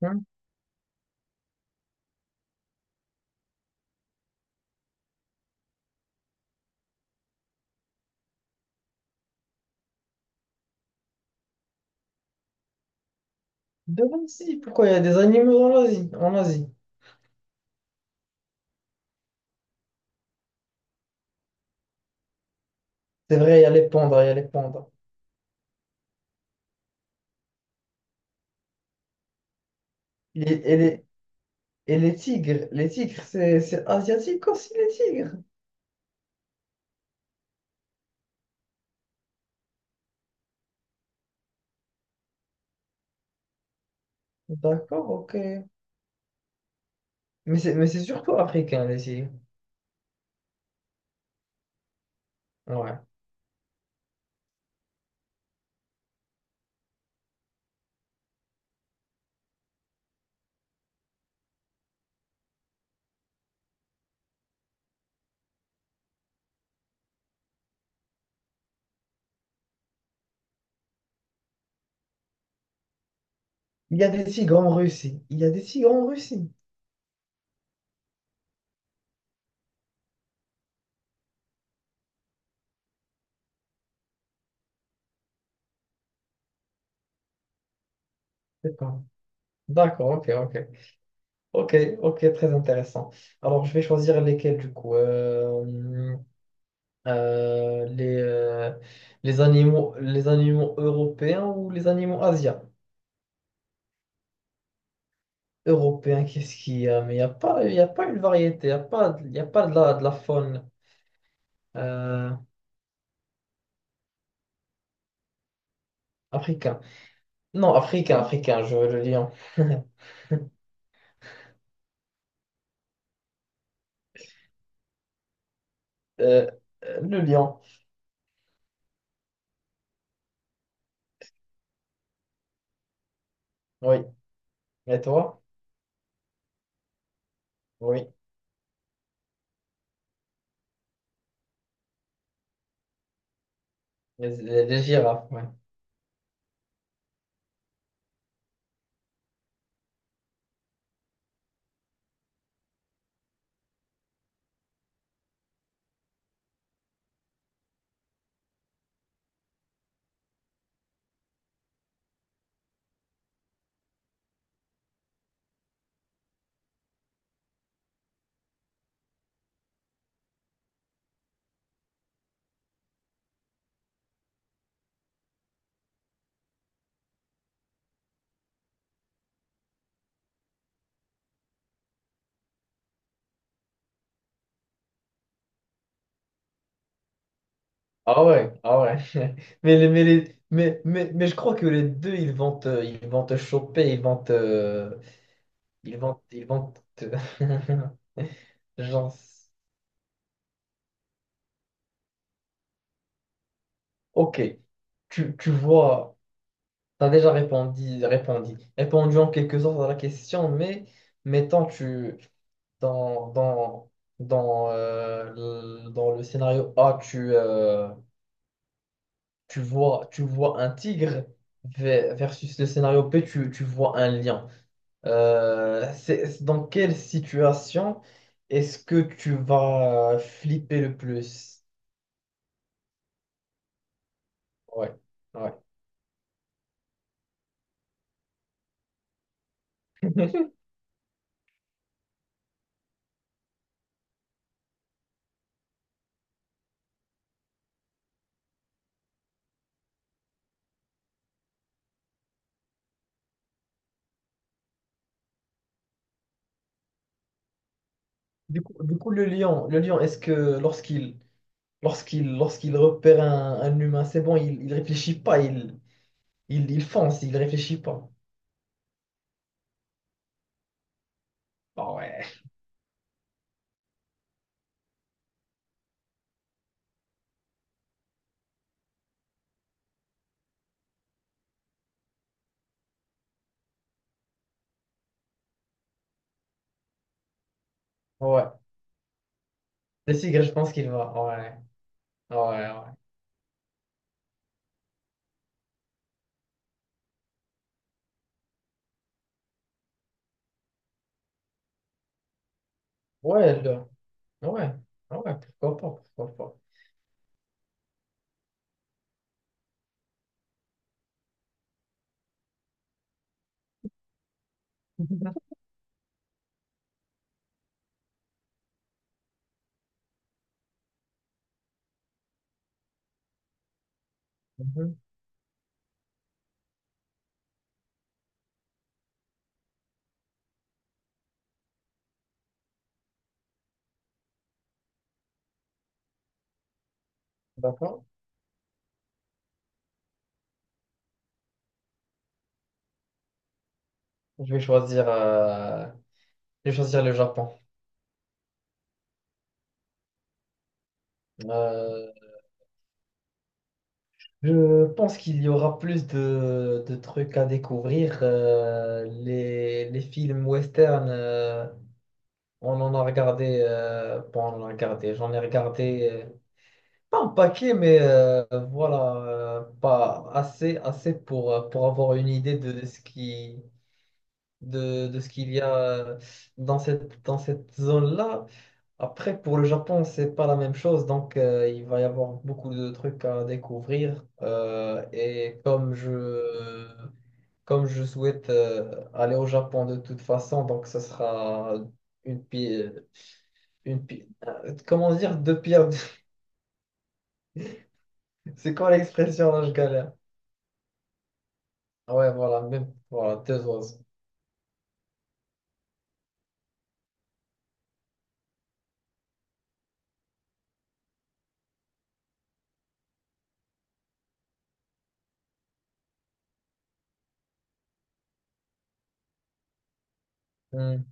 Hmm. Devant, si, pourquoi il y a des animaux en Asie? En Asie. C'est vrai, il y a les pandas, il y a les pandas. Et, et les, et les tigres, c'est asiatique aussi, les tigres. D'accord, ok. Mais c'est surtout africain, les tigres. Ouais. Il y a des tigres en Russie. Il y a des tigres en Russie. C'est pas. D'accord, ok, ok. Ok, ok, très intéressant. Alors, je vais choisir lesquels, du coup. Euh, les, euh, les animaux européens ou les animaux asiatiques? Européen, qu'est-ce qu'il y a? Mais il n'y a pas, il y a pas une variété, il n'y a pas, il y a pas de la, de la faune euh, africain. Non, africain, africain, je veux le lion. Euh, le lion, oui. Et toi? Oui. Les, les girafes, ouais. Ah ouais, ah ouais. Mais, mais, mais je crois que les deux, ils vont te choper, ils vont te... Genre... Ok, tu vois... T'as déjà répondu en quelque sorte à la question, mais mettons tu dans, dans, dans, le, dans le scénario A, tu, tu vois un tigre ve- versus le scénario B, tu vois un lion. C'est- dans quelle situation est-ce que tu vas flipper le plus? Ouais, ouais. Du coup, le lion, est-ce que lorsqu'il lorsqu'il repère un humain, c'est bon, il réfléchit pas, il fonce, il réfléchit pas. Ah ouais. Ouais. Le tigre, je pense qu'il va. Ouais. Ouais, ouais. Ouais, le- ouais. Ouais, pourquoi pas, pourquoi pas. Mhm. D'accord. Je vais choisir, euh, je vais choisir le Japon. Euh, je pense qu'il y aura plus de trucs à découvrir. Les films western, on en a regardé, bon, on en a regardé, j'en ai regardé, pas un paquet, mais voilà, pas assez, assez pour avoir une idée de ce qui, de ce qu'il y a dans cette zone-là. Après, pour le Japon, c'est pas la même chose, donc il va y avoir beaucoup de trucs à découvrir. Et comme je souhaite aller au Japon de toute façon, donc ce sera une pile comment dire, deux pierres. C'est quoi l'expression là, je galère? Ah ouais, voilà, même voilà, deux oiseaux. Hmm.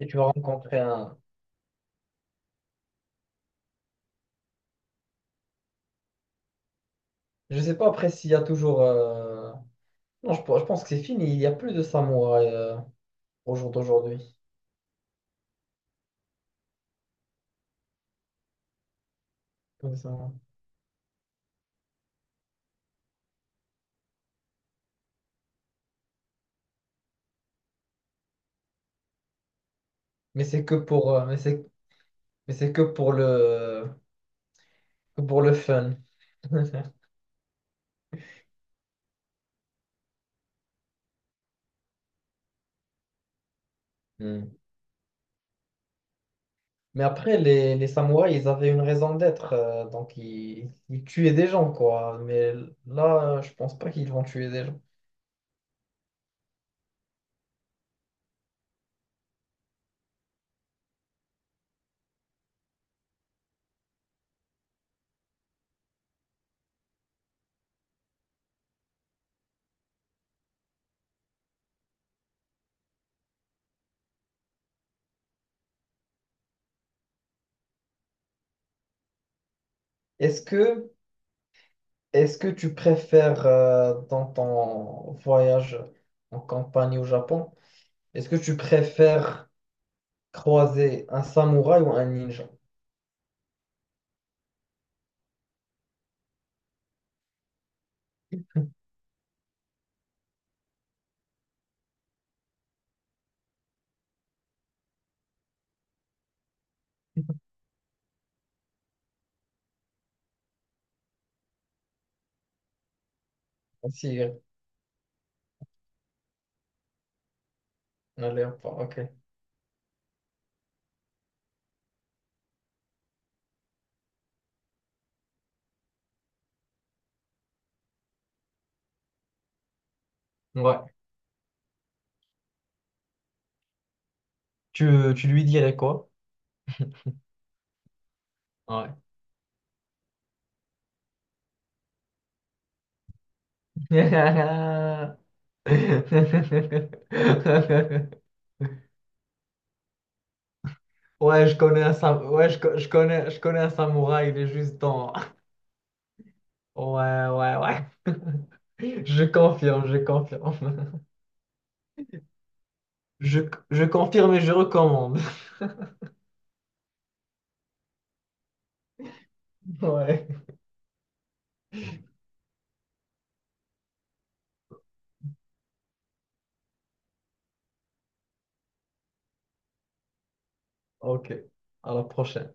Et tu vas rencontrer un. Je sais pas après s'il y a toujours. Non, je, je pense que c'est fini. Il n'y a plus de samouraï au jour d'aujourd'hui. Comme ça. Mais c'est que pour le fun. Hmm. Mais après, les samouraïs, ils avaient une raison d'être. Donc, ils tuaient des gens, quoi. Mais là, je pense pas qu'ils vont tuer des gens. Est-ce que est-ce que tu préfères dans ton voyage en campagne au Japon, est-ce que tu préfères croiser un samouraï ou un ninja? Si, un léopard, ok. Ouais. Tu lui dirais quoi? Ouais. Ouais, je connais un sam- ouais, je, co- je connais un samouraï, il est juste en... Ouais, ouais, ouais. Je confirme, je confirme. Je, je confirme et je recommande. Ouais. Ok, à la prochaine.